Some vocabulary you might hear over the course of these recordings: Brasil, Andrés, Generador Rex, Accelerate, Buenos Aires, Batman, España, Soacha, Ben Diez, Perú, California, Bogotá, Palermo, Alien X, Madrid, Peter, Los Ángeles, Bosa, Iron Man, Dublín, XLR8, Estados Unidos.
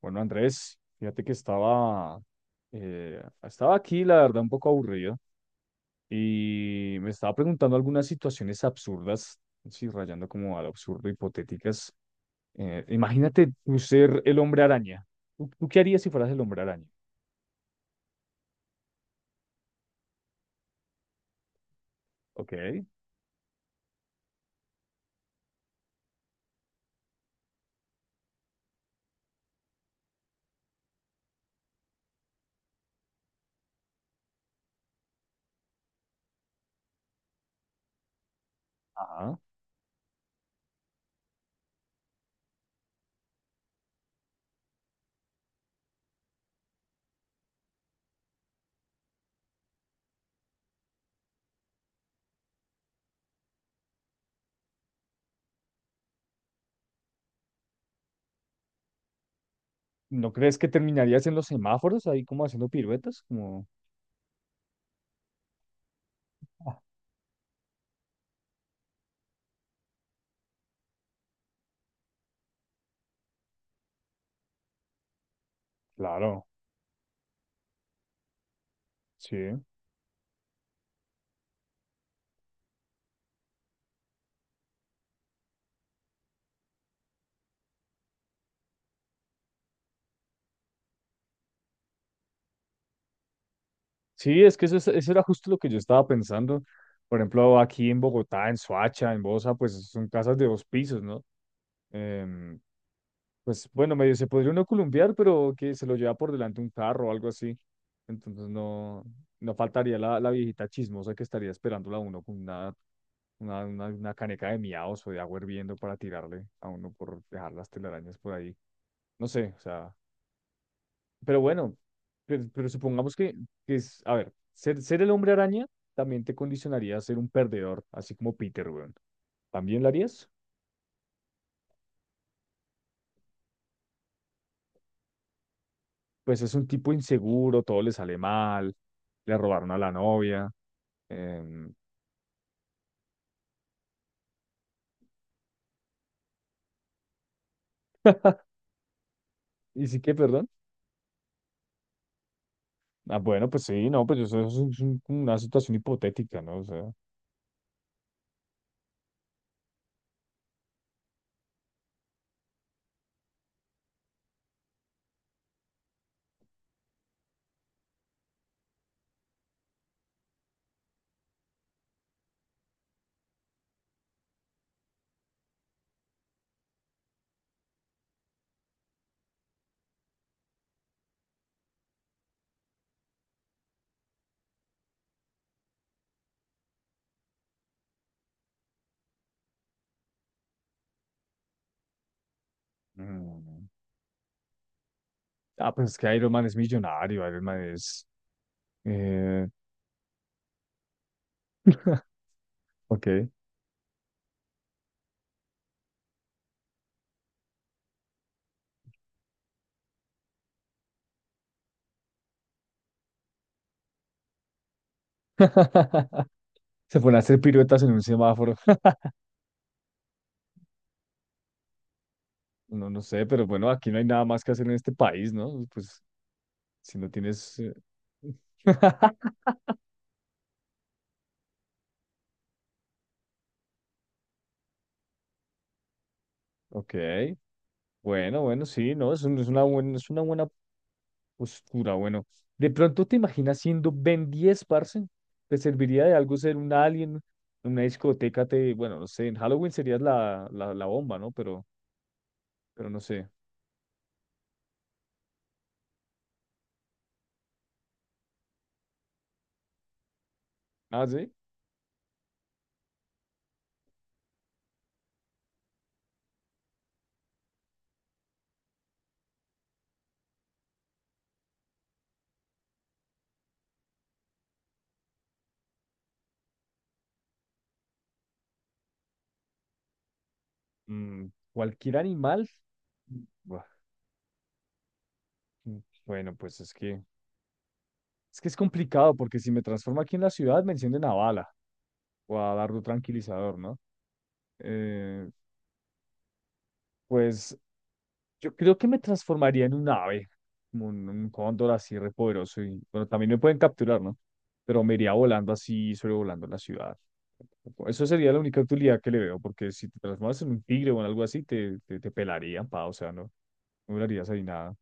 Bueno, Andrés, fíjate que estaba aquí, la verdad, un poco aburrido y me estaba preguntando algunas situaciones absurdas, sí, rayando como al absurdo, hipotéticas. Imagínate tú ser el hombre araña. ¿Tú qué harías si fueras el hombre araña? Ok, ajá. ¿No crees que terminarías en los semáforos ahí como haciendo piruetas? Como, claro, sí. Sí, es que eso, eso era justo lo que yo estaba pensando. Por ejemplo, aquí en Bogotá, en Soacha, en Bosa, pues son casas de dos pisos, ¿no? em, pues bueno, medio se podría uno columpiar, pero que se lo lleva por delante un carro o algo así. Entonces no, no faltaría la viejita chismosa que estaría esperándola a uno con una, una caneca de miados o de agua hirviendo para tirarle a uno por dejar las telarañas por ahí. No sé, o sea, pero bueno, pero supongamos que es, a ver, ser el hombre araña también te condicionaría a ser un perdedor, así como Peter, weón. ¿También lo harías? Pues es un tipo inseguro, todo le sale mal, le robaron a la novia. em, ¿Y sí que, perdón? Ah, bueno, pues sí, no, pues eso es una situación hipotética, ¿no? O sea, mm, ah, pues es que Iron Man es millonario, Iron Man es... eh, ok. Se ponen a hacer piruetas en un semáforo. No, no sé, pero bueno, aquí no hay nada más que hacer en este país, ¿no? Pues si no tienes... Ok, bueno, bueno, sí, no, es, es una buena Oscura, bueno. ¿De pronto te imaginas siendo Ben diez parce? ¿Te serviría de algo ser un alien? En una discoteca te, bueno, no sé, en Halloween serías la bomba, ¿no? Pero no sé. Ah, sí. Mm, cualquier animal. Buah, mm, bueno, pues es que, es que es complicado porque si me transformo aquí en la ciudad me encienden a bala o a dardo tranquilizador, ¿no? Eh, pues yo creo que me transformaría en un ave, como un cóndor así repoderoso. Y bueno, también me pueden capturar, ¿no? Pero me iría volando así, sobrevolando la ciudad. Eso sería la única utilidad que le veo, porque si te transformas en un tigre o en algo así, te pelarían, pa, o sea, no, no durarías ahí nada.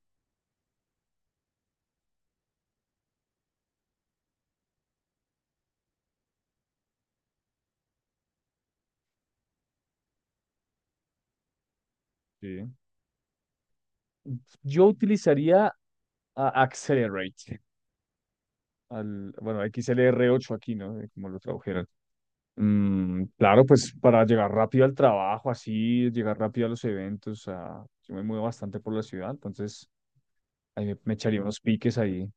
Sí. Yo utilizaría a Accelerate, al, bueno, xlr ocho aquí, ¿no? Como lo tradujeron. Mm, claro, pues para llegar rápido al trabajo, así, llegar rápido a los eventos, a- yo me muevo bastante por la ciudad, entonces ahí me echaría unos piques ahí.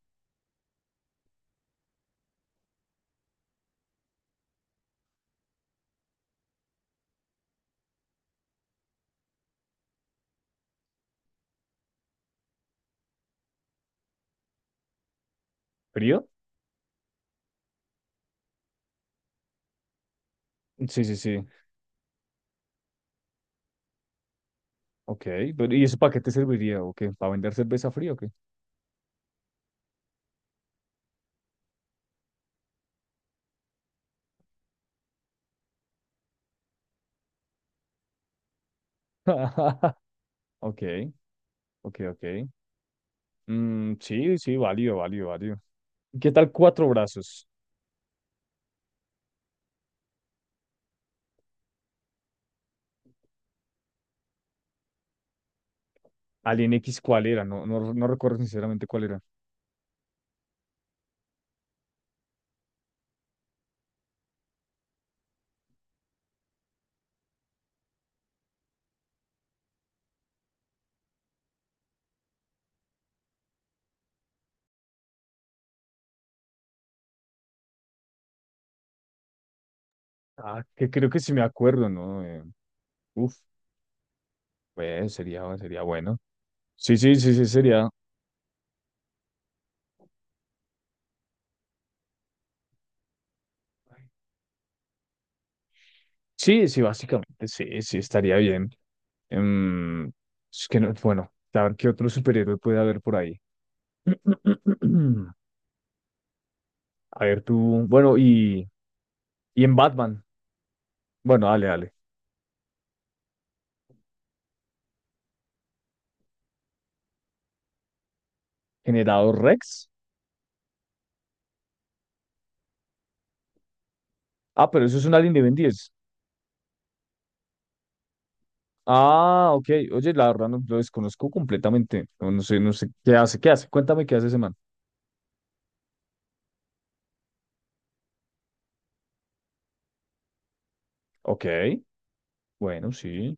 ¿Frío? Sí, sí, sí. Ok, pero ¿y eso para qué te serviría? ¿O qué? ¿Para vender cerveza fría o qué? Ok, ok, ok. Mm, sí, sí, válido, válido, válido. ¿Qué tal cuatro brazos? Alien X, ¿cuál era? No, no, no recuerdo sinceramente cuál era. Ah, que creo que sí me acuerdo, ¿no? Uf. Pues sería, sería bueno. Sí, sí, sí, sí, sería. Sí, sí, básicamente, sí, sí, estaría bien. Em, es que no, bueno, a ver qué otro superhéroe puede haber por ahí. A ver tú, bueno, y en Batman. Bueno, dale, dale. Generador Rex. Ah, pero eso es un Alien de Ben diez. Ah, ok. Oye, la verdad no, lo desconozco completamente. No, no sé, no sé qué hace, qué hace. Cuéntame qué hace ese man. Ok, bueno, sí.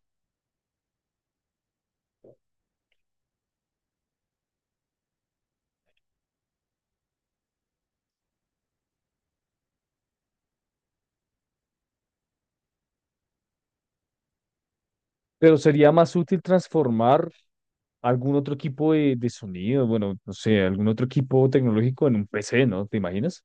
Pero sería más útil transformar. Algún otro equipo de sonido, bueno, no sé, algún otro equipo tecnológico en un PC, ¿no? ¿Te imaginas?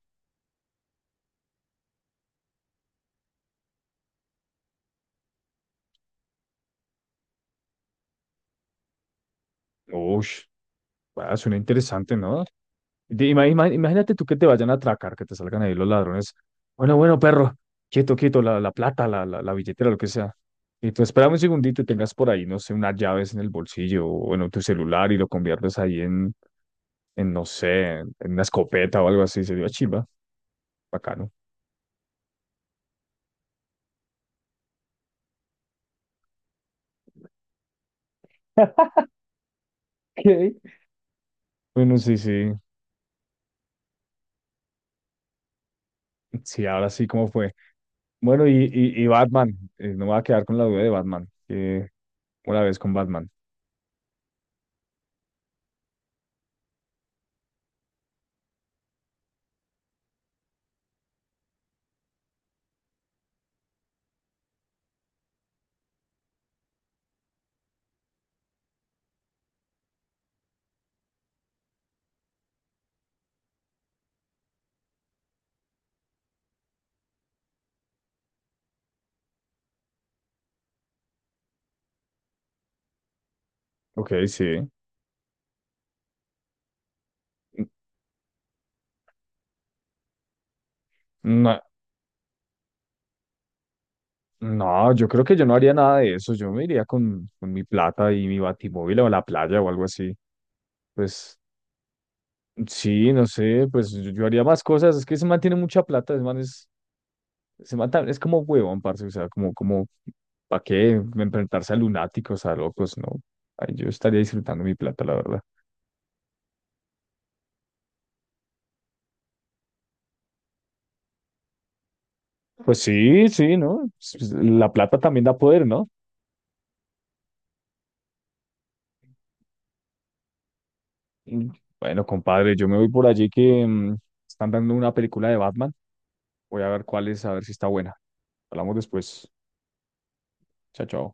Uy, ah, suena interesante, ¿no? Imagínate tú que te vayan a atracar, que te salgan ahí los ladrones. Bueno, bueno, perro, quieto, quieto, la plata, la billetera, lo que sea. Y tú espérame un segundito y tengas por ahí, no sé, unas llaves en el bolsillo o en tu celular y lo conviertes ahí en no sé, en una escopeta o algo así. Sería chimba, bacano. Ok. Bueno, sí, sí. Sí, ahora sí, ¿cómo fue? Bueno, y Batman. Eh, no me voy a quedar con la duda de Batman. Que una vez con Batman. Ok, sí. No, no, yo creo que yo no haría nada de eso. Yo me iría con mi plata y mi batimóvil o a la playa o algo así. Pues sí, no sé, pues yo haría más cosas. Es que ese man tiene mucha plata, ese man es, es como huevón, parce. O sea, como, como, ¿para qué enfrentarse a lunáticos, a locos? No. Ay, yo estaría disfrutando mi plata, la verdad. Pues sí, sí, ¿no? Pues, pues, la plata también da poder, ¿no? Mm, bueno, compadre, yo me voy por allí que mm, están dando una película de Batman. Voy a ver cuál es, a ver si está buena. Hablamos después. Chao, chao.